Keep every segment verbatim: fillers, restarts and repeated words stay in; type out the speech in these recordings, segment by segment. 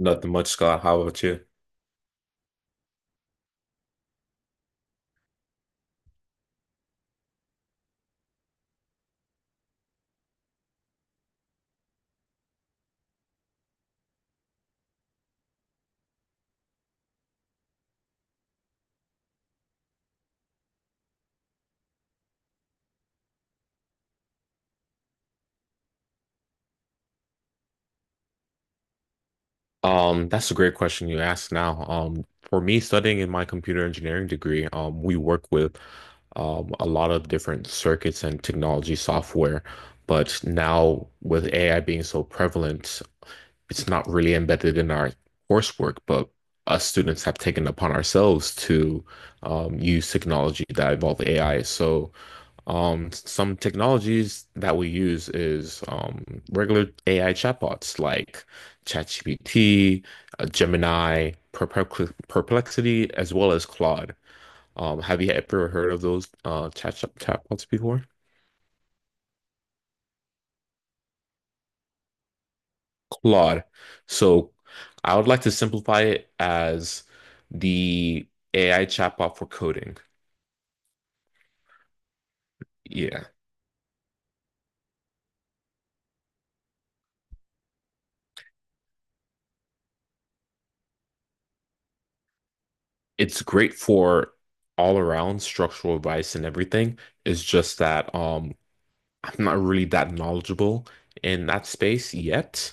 Nothing much, Scott. How about you? Um, that's a great question you asked now. Um, for me, studying in my computer engineering degree, um, we work with um, a lot of different circuits and technology software. But now, with A I being so prevalent, it's not really embedded in our coursework, but us students have taken upon ourselves to um, use technology that involve A I. So, Um, some technologies that we use is um, regular A I chatbots like ChatGPT, uh, Gemini, Perplex- Perplexity, as well as Claude. Um, have you ever heard of those uh, chat chatbots before? Claude. So I would like to simplify it as the A I chatbot for coding. Yeah. It's great for all around structural advice and everything. It's just that um I'm not really that knowledgeable in that space yet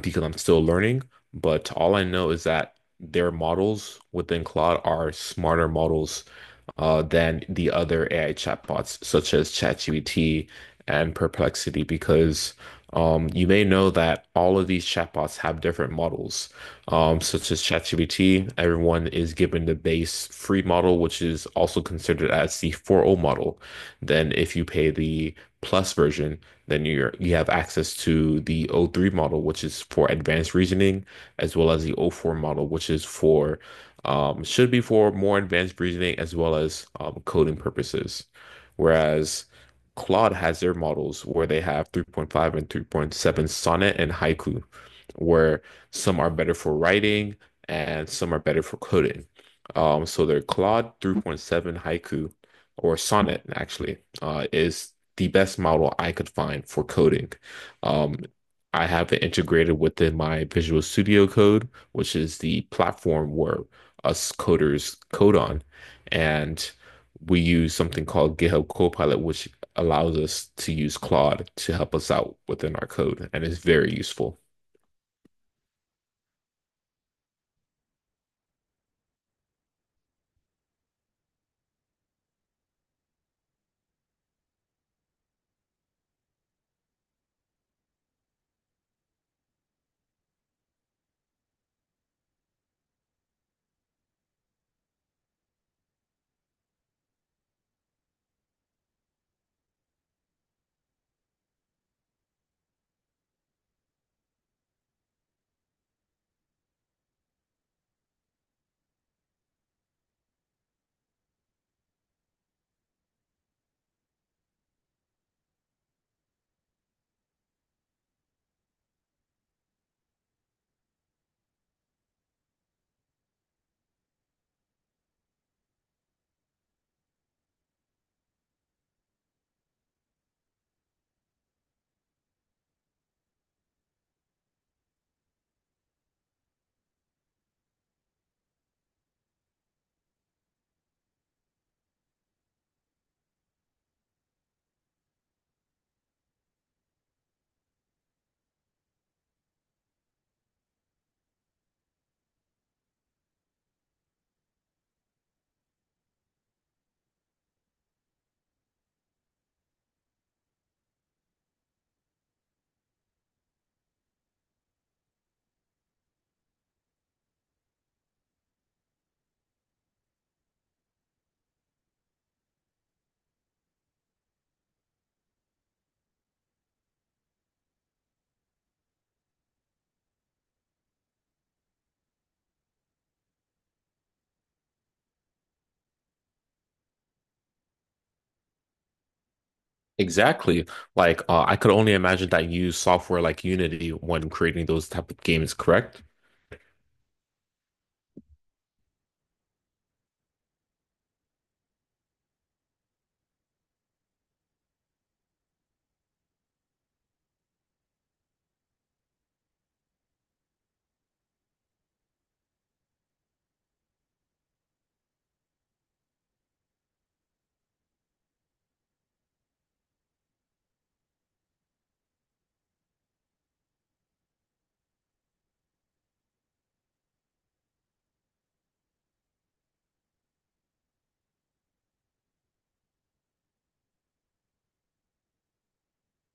because I'm still learning, but all I know is that their models within Claude are smarter models uh, than the other A I chatbots, such as ChatGPT and Perplexity, because um, you may know that all of these chatbots have different models, um, such as ChatGPT. Everyone is given the base free model, which is also considered as the 4.0 model. Then, if you pay the Plus version, then you're you have access to the O three model, which is for advanced reasoning, as well as the O four model, which is for um, should be for more advanced reasoning as well as um, coding purposes. Whereas Claude has their models where they have three point five and three point seven Sonnet and Haiku, where some are better for writing and some are better for coding. Um, so their Claude three point seven Haiku or Sonnet actually uh, is the best model I could find for coding. Um, I have it integrated within my Visual Studio Code, which is the platform where us coders code on. And we use something called GitHub Copilot, which allows us to use Claude to help us out within our code. And it's very useful. Exactly. Like, uh, I could only imagine that you use software like Unity when creating those type of games, correct?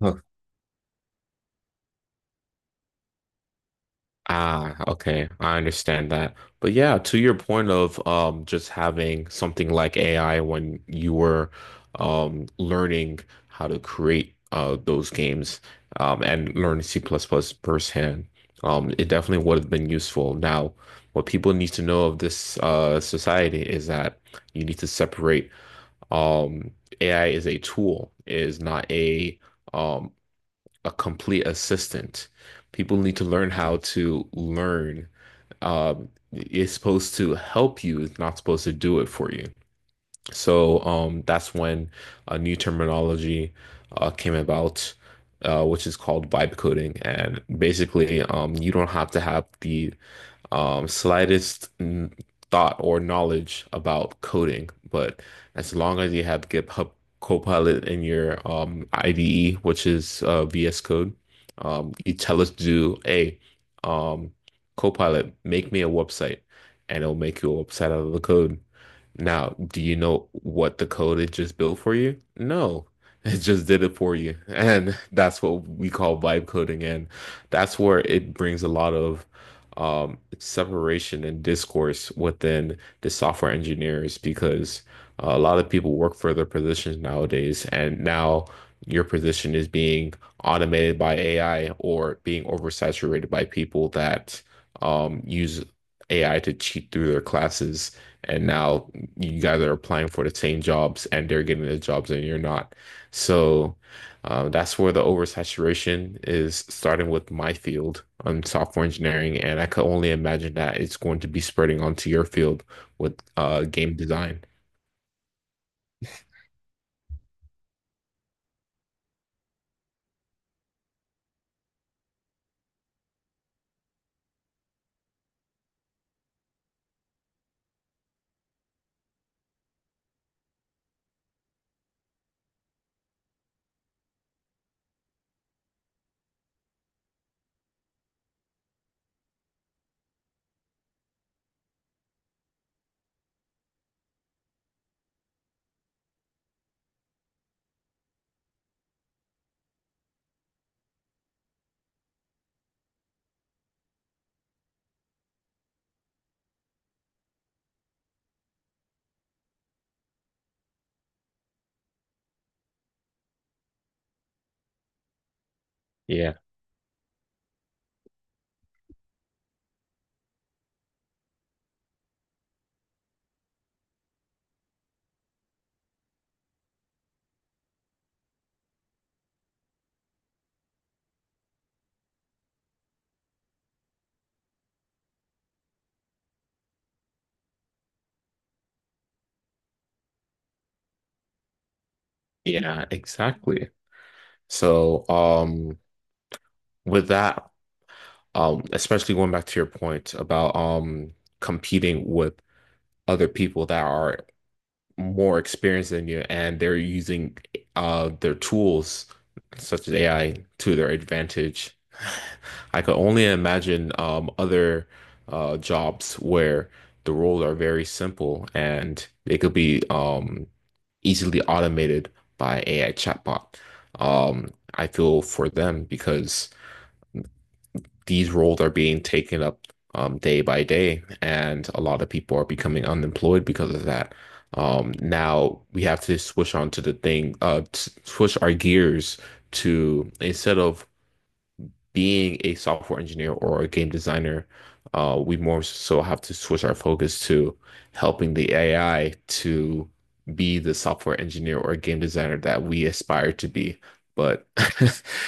Ah, okay. I understand that. But yeah, to your point of um just having something like A I when you were um learning how to create uh those games um and learn C++ plus plus firsthand, um it definitely would have been useful. Now, what people need to know of this uh society is that you need to separate um A I is a tool, it is not a um a complete assistant. People need to learn how to learn. Um, it's supposed to help you, it's not supposed to do it for you. So um, that's when a new terminology uh, came about, uh, which is called vibe coding. And basically, um, you don't have to have the um, slightest n- thought or knowledge about coding. But as long as you have GitHub Copilot in your um, I D E, which is uh, V S Code, um, you tell us to do a um, Copilot, make me a website, and it'll make you a website out of the code. Now, do you know what the code it just built for you? No, it just did it for you. And that's what we call vibe coding. And that's where it brings a lot of um, separation and discourse within the software engineers because uh, a lot of people work for their positions nowadays. And now your position is being automated by A I or being oversaturated by people that um, use A I to cheat through their classes. And now you guys are applying for the same jobs and they're getting the jobs and you're not. So uh, that's where the oversaturation is starting with my field on software engineering. And I could only imagine that it's going to be spreading onto your field with uh, game design. Yeah, yeah, exactly. So um, with that, um, especially going back to your point about um, competing with other people that are more experienced than you and they're using uh their tools such as A I to their advantage. I could only imagine um other uh jobs where the roles are very simple and they could be um easily automated by A I chatbot. Um I feel for them because these roles are being taken up um, day by day, and a lot of people are becoming unemployed because of that. Um, now we have to switch on to the thing, uh, switch our gears to instead of being a software engineer or a game designer, uh, we more so have to switch our focus to helping the A I to be the software engineer or game designer that we aspire to be. But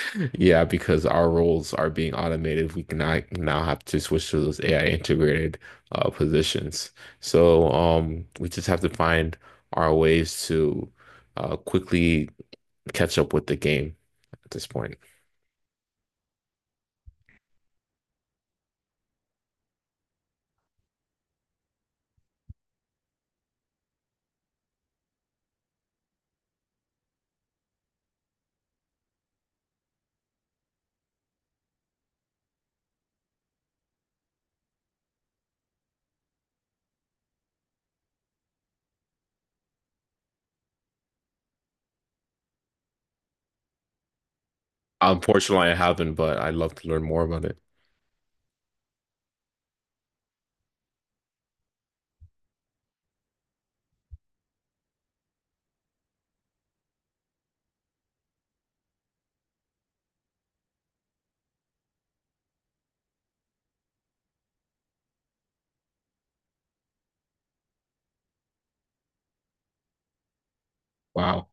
yeah, because our roles are being automated, we cannot now have to switch to those A I integrated uh, positions. So um, we just have to find our ways to uh, quickly catch up with the game at this point. Unfortunately, I haven't, but I'd love to learn more about it. Wow.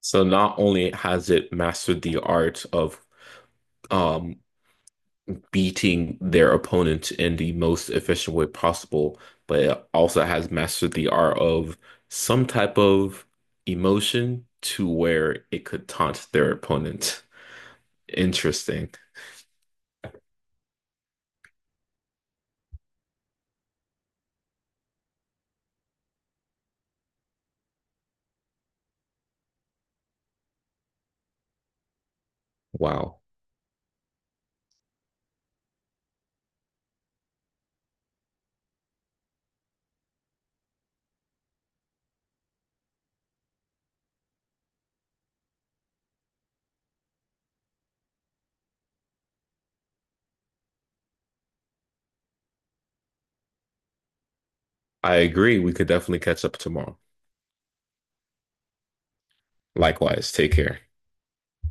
So not only has it mastered the art of um, beating their opponent in the most efficient way possible, but it also has mastered the art of some type of emotion to where it could taunt their opponent. Interesting. Wow. I agree. We could definitely catch up tomorrow. Likewise, take care.